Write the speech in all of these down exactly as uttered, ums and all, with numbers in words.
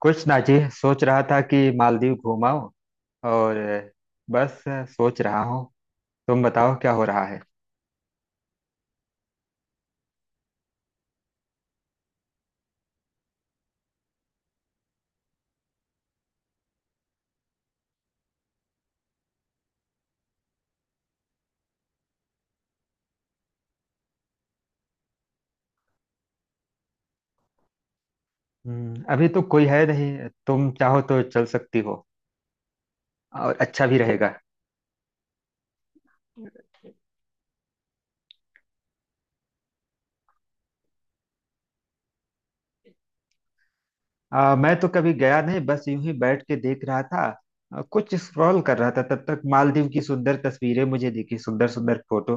कुछ ना जी, सोच रहा था कि मालदीव घूमाऊं और बस सोच रहा हूँ। तुम बताओ क्या हो रहा है? हम्म, अभी तो कोई है नहीं, तुम चाहो तो चल सकती हो और अच्छा भी रहेगा। आ, मैं तो कभी गया नहीं, बस यूं ही बैठ के देख रहा था। आ, कुछ स्क्रॉल कर रहा था, तब तक मालदीव की सुंदर तस्वीरें मुझे दिखी, सुंदर सुंदर फोटो।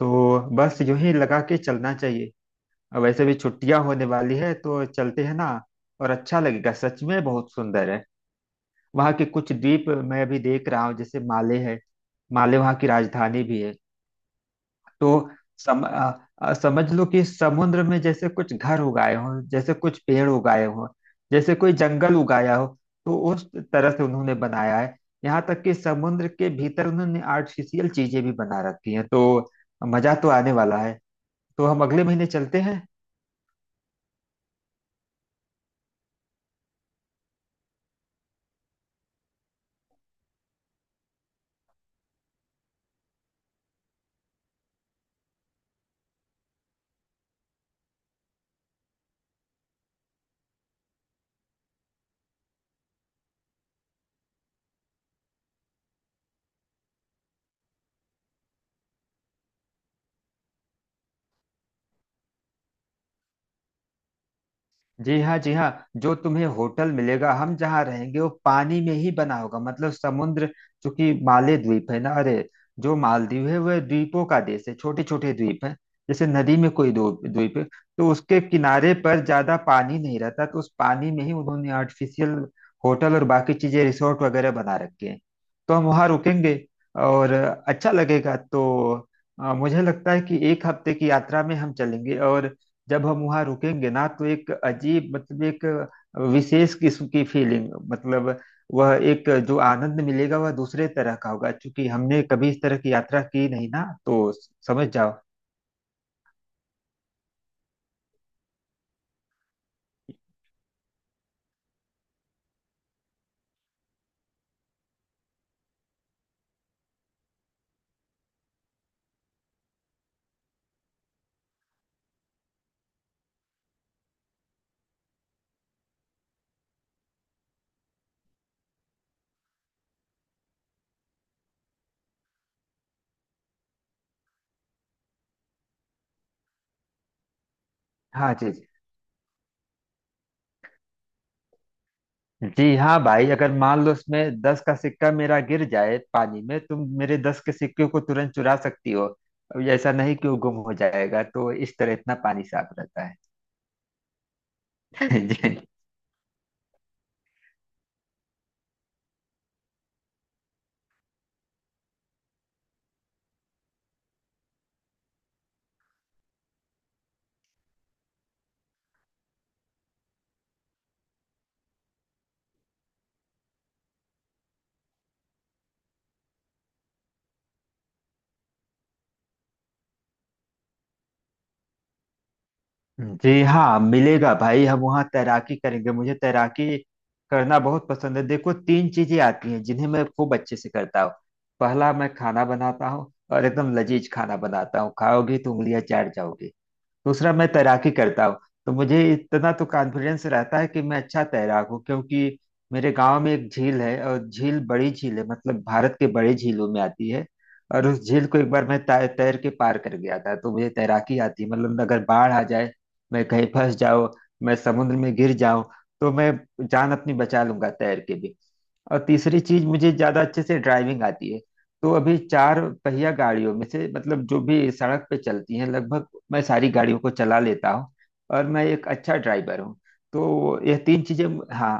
तो बस यूं ही लगा के चलना चाहिए, और वैसे भी छुट्टियां होने वाली है तो चलते हैं ना। और अच्छा लगेगा, सच में बहुत सुंदर है। वहाँ के कुछ द्वीप मैं अभी देख रहा हूँ, जैसे माले है। माले वहाँ की राजधानी भी है। तो सम, अ, अ, समझ लो कि समुद्र में जैसे कुछ घर उगाए हों, जैसे कुछ पेड़ उगाए हों, जैसे कोई जंगल उगाया हो। तो उस तरह से उन्होंने बनाया है। यहाँ तक कि समुद्र के भीतर उन्होंने आर्टिफिशियल चीजें भी बना रखी हैं, तो मजा तो आने वाला है। तो हम अगले महीने चलते हैं। जी हाँ, जी हाँ। जो तुम्हें होटल मिलेगा, हम जहाँ रहेंगे, वो पानी में ही बना होगा, मतलब समुद्र। चूंकि माले द्वीप है ना। अरे, जो मालदीव है वह द्वीपों का देश है, छोटे छोटे द्वीप है। जैसे नदी में कोई दो द्वीप है, तो उसके किनारे पर ज्यादा पानी नहीं रहता, तो उस पानी में ही उन्होंने आर्टिफिशियल होटल और बाकी चीजें, रिसोर्ट वगैरह बना रखे हैं। तो हम वहाँ रुकेंगे और अच्छा लगेगा। तो अ, मुझे लगता है कि एक हफ्ते की यात्रा में हम चलेंगे, और जब हम वहां रुकेंगे ना, तो एक अजीब, मतलब एक विशेष किस्म की फीलिंग, मतलब वह एक जो आनंद मिलेगा वह दूसरे तरह का होगा, क्योंकि हमने कभी इस तरह की यात्रा की नहीं ना, तो समझ जाओ। हाँ जी जी। जी हाँ भाई, अगर मान लो उसमें दस का सिक्का मेरा गिर जाए पानी में, तुम मेरे दस के सिक्के को तुरंत चुरा सकती हो, अब ऐसा नहीं कि वो गुम हो जाएगा, तो इस तरह इतना पानी साफ रहता है। जी। जी हाँ, मिलेगा भाई, हम वहाँ तैराकी करेंगे, मुझे तैराकी करना बहुत पसंद है। देखो, तीन चीजें आती हैं जिन्हें मैं खूब अच्छे से करता हूँ। पहला, मैं खाना बनाता हूँ और एकदम लजीज खाना बनाता हूँ, खाओगी तो उंगलियां चाट जाओगी। दूसरा, मैं तैराकी करता हूँ, तो मुझे इतना तो कॉन्फिडेंस रहता है कि मैं अच्छा तैराक हूँ, क्योंकि मेरे गांव में एक झील है, और झील बड़ी झील है, मतलब भारत के बड़े झीलों में आती है, और उस झील को एक बार मैं तै- तैर के पार कर गया था, तो मुझे तैराकी आती है। मतलब, अगर बाढ़ आ जाए, मैं कहीं फंस जाऊं, मैं समुद्र में गिर जाऊं, तो मैं जान अपनी बचा लूंगा तैर के भी। और तीसरी चीज, मुझे ज्यादा अच्छे से ड्राइविंग आती है, तो अभी चार पहिया गाड़ियों में से मतलब जो भी सड़क पे चलती हैं, लगभग मैं सारी गाड़ियों को चला लेता हूँ, और मैं एक अच्छा ड्राइवर हूँ। तो यह तीन चीजें। हाँ।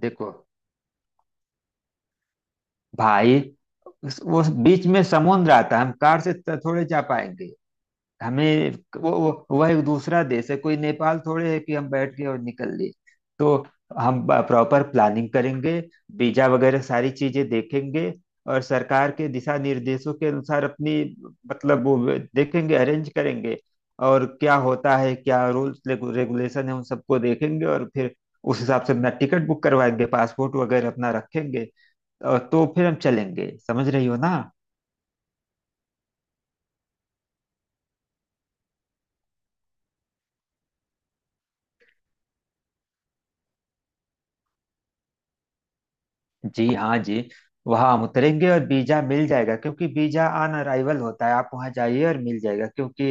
देखो भाई, उस- वो बीच में समुद्र आता है, हम कार से त- थोड़े जा पाएंगे। हमें, वो वो- वह एक दूसरा देश है, कोई नेपाल थोड़े है कि हम बैठ गए और निकल लिए। तो हम प्रॉपर प्लानिंग करेंगे, वीजा वगैरह सारी चीजें देखेंगे, और सरकार के दिशा निर्देशों के अनुसार अपनी, मतलब वो देखेंगे, अरेंज करेंगे। और क्या होता है, क्या रूल्स रेगुलेशन है, उन सबको देखेंगे, और फिर उस हिसाब से अपना टिकट बुक करवाएंगे, पासपोर्ट वगैरह अपना रखेंगे, और तो फिर हम चलेंगे, समझ रही हो ना? जी हाँ जी। वहाँ हम उतरेंगे और वीजा मिल जाएगा, क्योंकि वीजा ऑन अराइवल होता है, आप वहाँ जाइए और मिल जाएगा, क्योंकि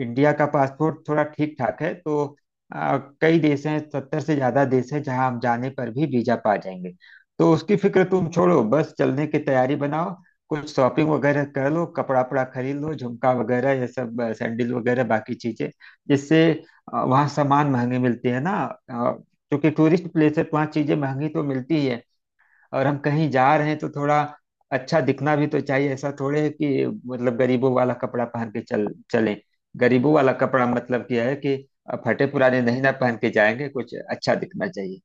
इंडिया का पासपोर्ट थोड़ा ठीक ठाक है। तो आ, कई देश हैं, सत्तर से ज्यादा देश हैं, जहाँ हम जाने पर भी वीजा पा जाएंगे। तो उसकी फिक्र तुम छोड़ो, बस चलने की तैयारी बनाओ, कुछ शॉपिंग वगैरह कर लो, कपड़ा वपड़ा खरीद लो, झुमका वगैरह ये सब, अ, सैंडल वगैरह बाकी चीजें, जिससे, अ, वहाँ सामान महंगे मिलते हैं ना, अ, क्योंकि टूरिस्ट प्लेस है तो वहाँ चीजें महंगी तो मिलती ही है, और हम कहीं जा रहे हैं तो थोड़ा अच्छा दिखना भी तो चाहिए। ऐसा थोड़े है कि मतलब गरीबों वाला कपड़ा पहन के चल चलें। गरीबों वाला कपड़ा मतलब क्या है कि फटे पुराने नहीं ना पहन के जाएंगे, कुछ अच्छा दिखना चाहिए।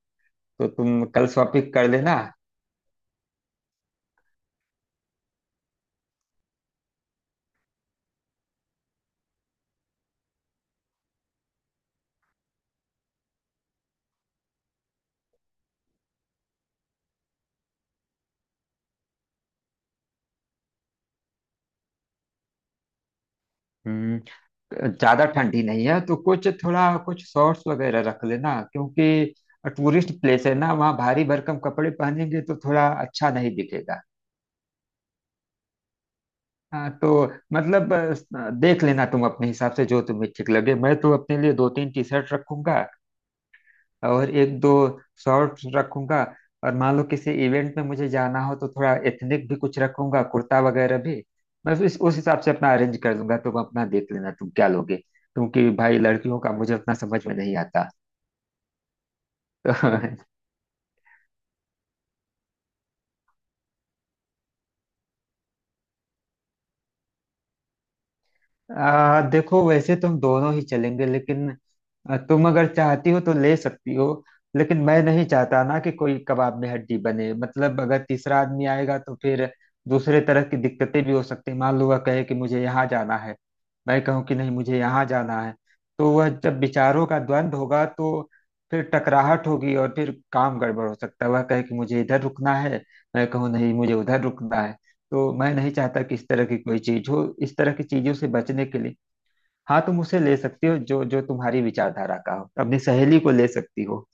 तो तुम कल शॉपिंग कर लेना। हम्म, ज्यादा ठंडी नहीं है, तो कुछ थोड़ा कुछ शॉर्ट्स वगैरह रख लेना, क्योंकि टूरिस्ट प्लेस है ना, वहाँ भारी भरकम कपड़े पहनेंगे तो थोड़ा अच्छा नहीं दिखेगा। हाँ तो मतलब अ, देख लेना तुम अपने हिसाब से जो तुम्हें ठीक लगे, मैं तो अपने लिए दो तीन टी शर्ट रखूंगा और एक दो शॉर्ट्स रखूंगा, और मान लो किसी इवेंट में मुझे जाना हो तो थोड़ा एथनिक भी कुछ रखूंगा, कुर्ता वगैरह भी। मैं इस उस हिसाब से अपना अरेंज कर दूंगा, तुम अपना देख लेना तुम क्या लोगे, क्योंकि भाई लड़कियों का मुझे उतना समझ में नहीं आता। तो आ, देखो, वैसे तुम दोनों ही चलेंगे, लेकिन आ, तुम अगर चाहती हो तो ले सकती हो, लेकिन मैं नहीं चाहता ना कि कोई कबाब में हड्डी बने। मतलब, अगर तीसरा आदमी आएगा तो फिर दूसरे तरह की दिक्कतें भी हो सकती हैं। मान लो वह कहे कि मुझे यहाँ जाना है, मैं कहूँ कि नहीं मुझे यहाँ जाना है, तो वह जब विचारों का द्वंद्व होगा, तो फिर टकराहट होगी और फिर काम गड़बड़ हो सकता है। वह कहे कि मुझे इधर रुकना है, मैं कहूँ नहीं मुझे उधर रुकना है, तो मैं नहीं चाहता कि इस तरह की कोई चीज हो, इस तरह की चीजों से बचने के लिए। हाँ, तुम उसे ले सकती हो जो जो तुम्हारी विचारधारा का हो, अपनी सहेली को ले सकती हो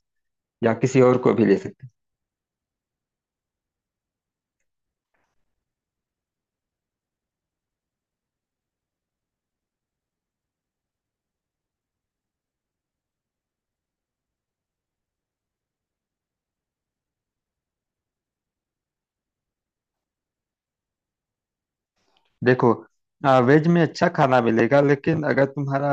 या किसी और को भी ले सकती हो। देखो, आ, वेज में अच्छा खाना मिलेगा, लेकिन अगर तुम्हारा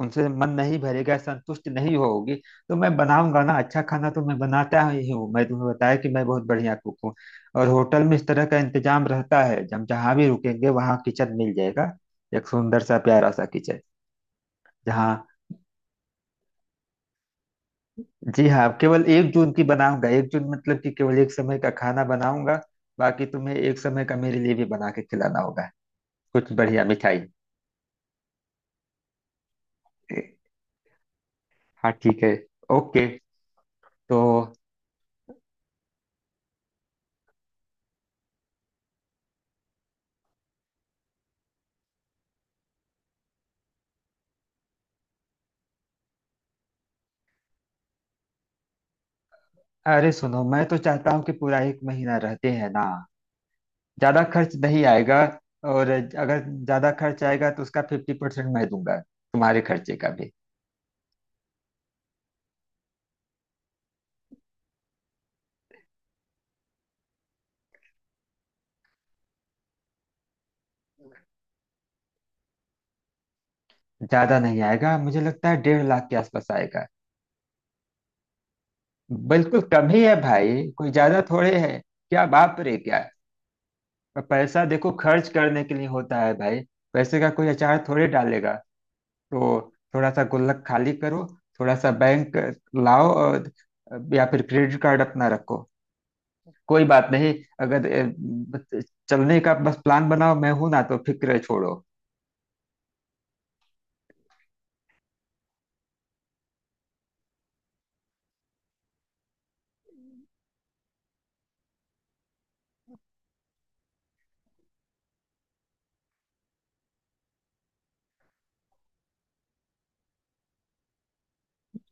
उनसे मन नहीं भरेगा, संतुष्ट नहीं होगी, तो मैं बनाऊंगा ना, अच्छा खाना तो मैं बनाता ही हूँ। मैं तुम्हें बताया कि मैं बहुत बढ़िया कुक हूँ, और होटल में इस तरह का इंतजाम रहता है, हम जहाँ भी रुकेंगे वहाँ किचन मिल जाएगा, एक सुंदर सा प्यारा सा किचन। जहाँ, जी हाँ, केवल एक जून की बनाऊंगा, एक जून मतलब कि केवल एक समय का खाना बनाऊंगा, बाकी तुम्हें एक समय का मेरे लिए भी बना के खिलाना होगा, कुछ बढ़िया मिठाई। ए, हाँ ठीक है, ओके। तो, अरे सुनो, मैं तो चाहता हूँ कि पूरा एक महीना रहते हैं ना, ज्यादा खर्च नहीं आएगा। और अगर ज्यादा खर्च आएगा तो उसका फिफ्टी परसेंट मैं दूंगा, तुम्हारे खर्चे का भी। ज्यादा नहीं आएगा, मुझे लगता है डेढ़ लाख के आसपास आएगा, बिल्कुल कम ही है भाई, कोई ज्यादा थोड़े है। क्या बाप रे क्या? पर पैसा देखो खर्च करने के लिए होता है भाई, पैसे का कोई अचार थोड़ी डालेगा। तो थोड़ा सा गुल्लक खाली करो, थोड़ा सा बैंक लाओ, और या फिर क्रेडिट कार्ड अपना रखो, कोई बात नहीं। अगर, अ, बस, चलने का बस प्लान बनाओ, मैं हूं ना, तो फिक्र छोड़ो।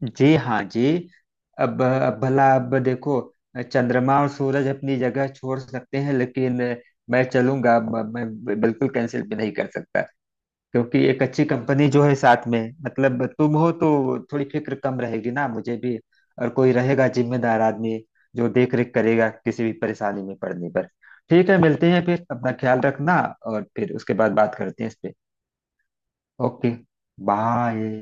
जी हाँ जी। अब अब भला अब देखो, चंद्रमा और सूरज अपनी जगह छोड़ सकते हैं, लेकिन मैं चलूंगा, म- मैं बिल्कुल कैंसिल भी नहीं कर सकता, क्योंकि एक अच्छी कंपनी जो है साथ में, मतलब तुम हो, तो थोड़ी फिक्र कम रहेगी ना मुझे भी, और कोई रहेगा जिम्मेदार आदमी जो देख रेख करेगा किसी भी परेशानी में पड़ने पर। ठीक है, मिलते हैं फिर, अपना ख्याल रखना, और फिर उसके बाद बात करते हैं इस पे। Okay, bye.